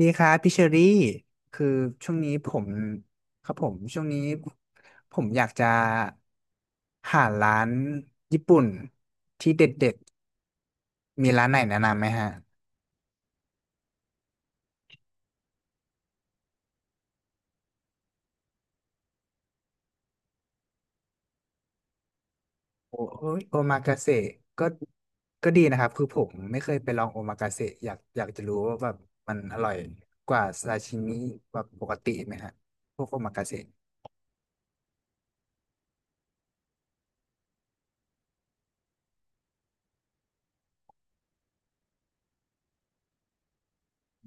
ดีครับพี่เชอรี่คือช่วงนี้ผมครับผมช่วงนี้ผมอยากจะหาร้านญี่ปุ่นที่เด็ดๆมีร้านไหนแนะนำไหมฮะโอโอ้ยโอมากาเสะก็ก็ดีนะครับคือผมไม่เคยไปลองโอมากาเสะอยากจะรู้ว่าแบบมันอร่อยกว่าซาชิมิแบบปกติไหมฮะพวกโอมากาเสะ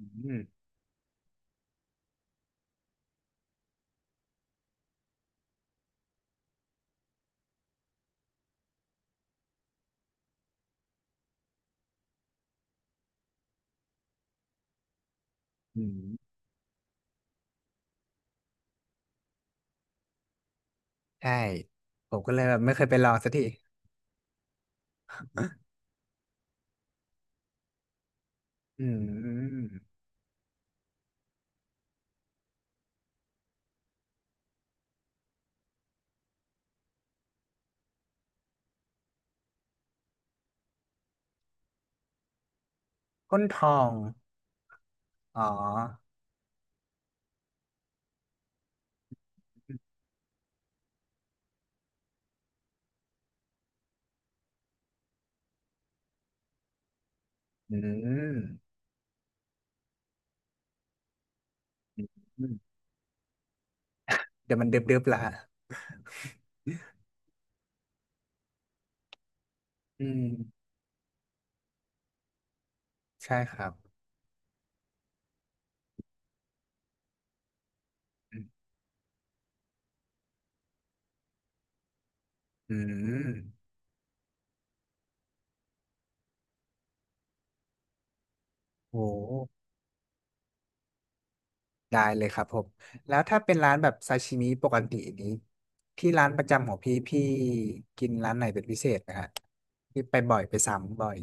อืมอืมใช่ผมก็เลยแบบไม่เคยไปลองสักทีอืมก้นทอง อ๋อ อืมอืมเดี๋ยวมันเดือบๆละฮะอืมใช่ครับอืมอืมโหได้เลยครับผม แล้วถ้าเป็นร้านแบบซาชิมิปกตินี้ ที่ร้านประจำของพี่พี่กินร้านไหนเป็นพิเศษนะฮะพี่ไปบ่อยไปซ้ำบ่อย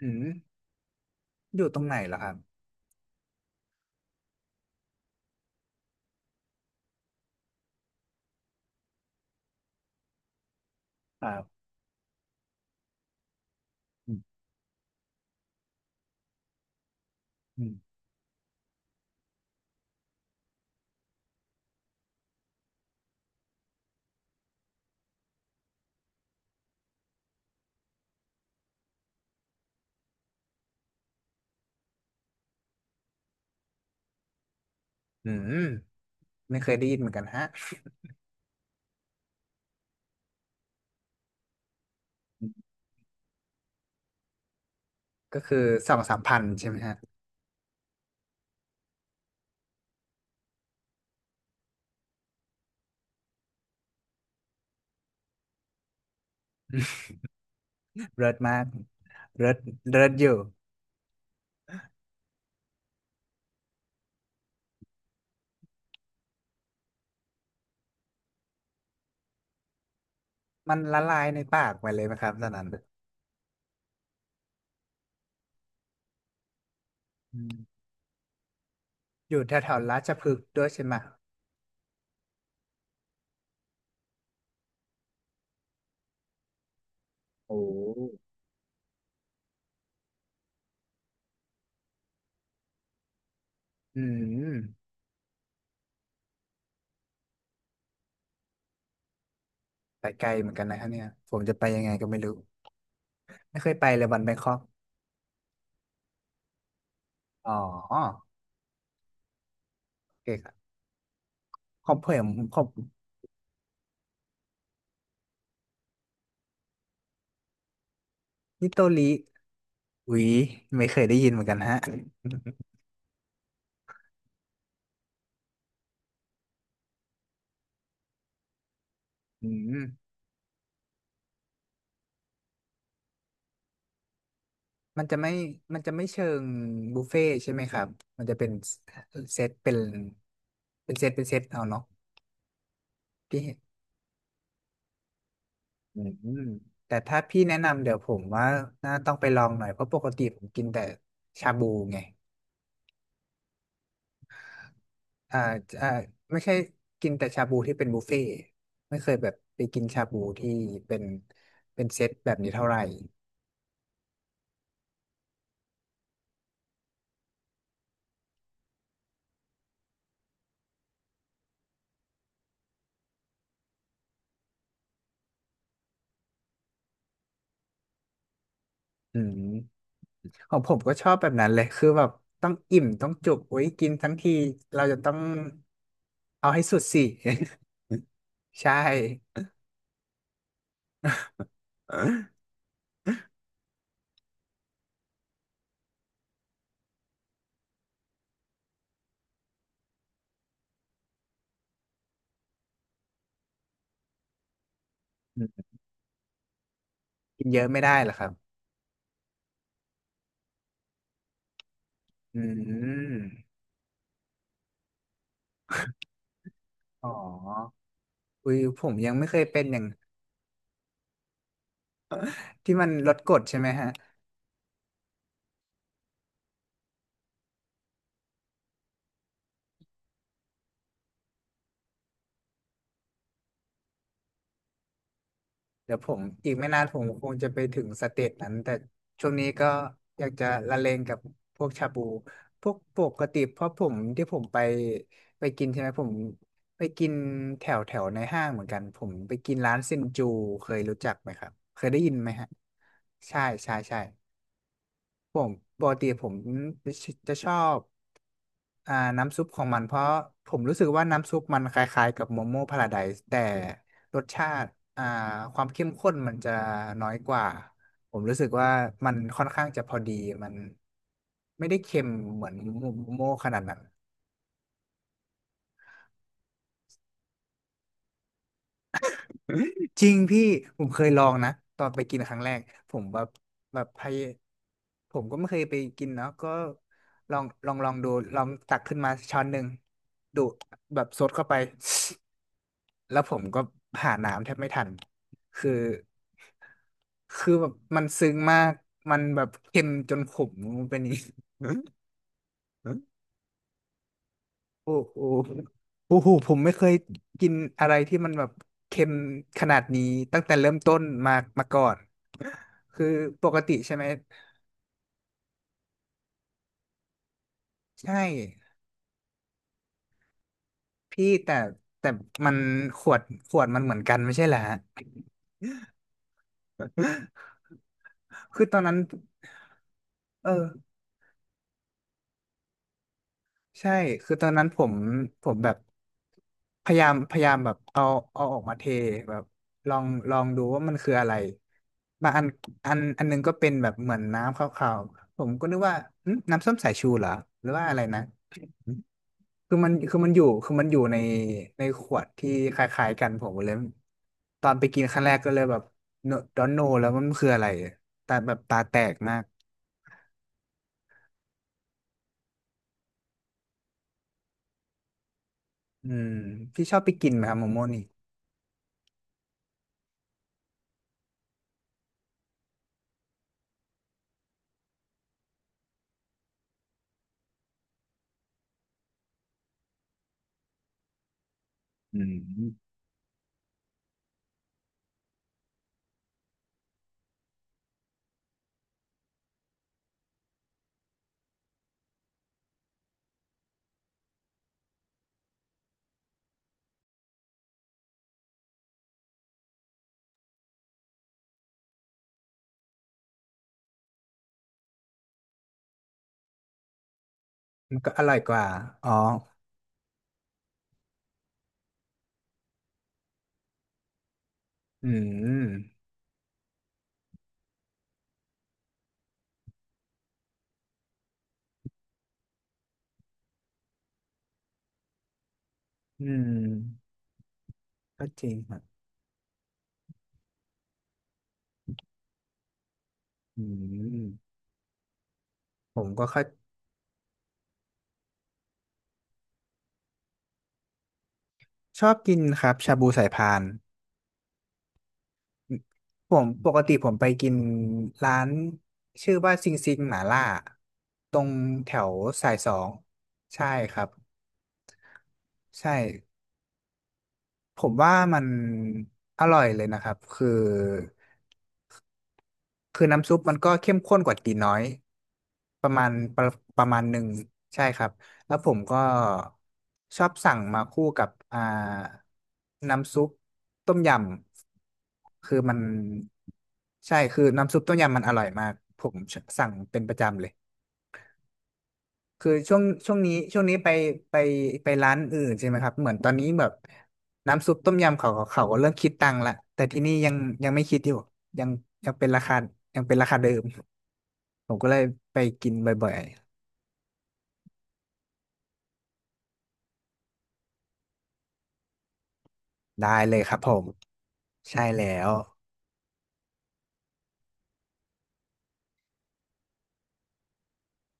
อืมอยู่ตรงไหนเหรอครับครับอืมอืมอืมไม่เคยได้ยินเหมือนกันฮะก็คือสองสามพันใช่ไหมฮะเลิศมากเลิศเลิศอยู่ มันละลายในปากไปเลยไหมครับตอนนั้นอืมอยู่แถวๆราชพฤกษ์ด้วยใช่ไหมโอ้อืมไปไกลเหมือนกันนะครับเนี่ยผมจะไปยังไงก็ไม่รู้ ไม่เคยไปเลยวันแบงคอกอ๋อโอเคครับของผมของนิโตริอุยไม่เคยได้ยินเหมือนกันฮะ อืมมันจะไม่มันจะไม่เชิงบุฟเฟ่ต์ใช่ไหมครับมันจะเป็นเซตเป็นเซตเป็นเซตเอาเนาะพี่ อืมแต่ถ้าพี่แนะนำเดี๋ยวผมว่าน่าต้องไปลองหน่อยเพราะปกติผมกินแต่ชาบูไงอ่าอ่าไม่ใช่กินแต่ชาบูที่เป็นบุฟเฟ่ต์ไม่เคยแบบไปกินชาบูที่เป็นเป็นเซตแบบนี้เท่าไหร่อืมของผมก็ชอบแบบนั้นเลยคือแบบต้องอิ่มต้องจุกไว้ยกินทั้งทีเราจะต้องเอาให้สุดสิ ใช่อืมกินเยอะไม่ได้เหรอครับอืมอ๋ออุ้ยผมยังไม่เคยเป็นอย่าง ที่มันลดกฎใช่ไหมฮะเดี๋ยวผมอีกไม่นานผมคงจะไปถึงสเตจนั้นแต่ช่วงนี้ก็อยากจะละเลงกับพวกชาบูพวกปกติเพราะผมที่ผมไปกินใช่ไหมผมไปกินแถวแถวในห้างเหมือนกันผมไปกินร้านเซนจูเคยรู้จักไหมครับเคยได้ยินไหมฮะใช่ใช่ใช่ผมปกติผมจะชอบ น้ำซุปของมันเพราะผมรู้สึกว่าน้ำซุปมันคล้ายๆกับโมโม่พาราไดซ์แต่รสชาติอ่าความเข้มข้นมันจะน้อยกว่าผมรู้สึกว่ามันค่อนข้างจะพอดีมันไม่ได้เค็มเหมือนโมโม่ขนาดนั้น จริงพี่ผมเคยลองนะตอนไปกินครั้งแรกผมแบบผมก็ไม่เคยไปกินเนาะก็ลองดูลองตักขึ้นมาช้อนหนึ่งดูแบบซดเข้าไปแล้วผมก็หาน้ำแทบไม่ทันคือคือแบบมันซึ้งมากมันแบบเค็มจนขมเป็นอย่างนี้ โอ้โหโอ้โหผมไม่เคยกินอะไรที่มันแบบเค็มขนาดนี้ตั้งแต่เริ่มต้นมามาก่อน คือปกติใช่ไหมใช่พี่แต่มันขวดขวดมันเหมือนกันไม่ใช่เหรอฮะคือตอนนั้นเออใช่คือตอนนั้นผมแบบพยายามแบบเอาออกมาเทแบบลองดูว่ามันคืออะไรบางอันหนึงก็เป็นแบบเหมือนน้ำขาวๆผมก็นึกว่าหึน้ำส้มสายชูเหรอหรือว่าอะไรนะ คือมันอยู่ในขวดที่คล้ายๆกันผมเลยตอนไปกินครั้งแรกก็เลยแบบดอนโนแล้วมันคืออะไรตาแบบตาแตกมากอืมพี่ชอบไปกินไหมครับโมโม่นี่อืมมันก็อร่อยกว่าอ๋ออืมอืมก็จริงครับอืมผมก็ค่อยชอบกินครับชาบูสายพาน ผมปกติผมไปกินร้านชื่อว่าซิงซิงหม่าล่าตรงแถวสายสองใช่ครับใช่ผมว่ามันอร่อยเลยนะครับคือ คือน้ำซุปมันก็เข้มข้นกว่าตีน้อยประมาณประประมาณหนึ่งใช่ครับแล้วผมก็ชอบสั่งมาคู่กับน้ำซุปต้มยำคือมันใช่คือน้ำซุปต้มยำมันอร่อยมากผมสั่งเป็นประจำเลย คือช่วงนี้ไปไปร้านอื่นใช่ไหมครับเหมือนตอนนี้แบบน้ำซุปต้มยำเขาก็เริ่มคิดตังค์ละแต่ที่นี่ยังยังไม่คิดอยู่ยังยังเป็นราคายังเป็นราคาเดิมผมก็เลยไปกินบ่อยๆได้เลยครับผมใช่แล้ว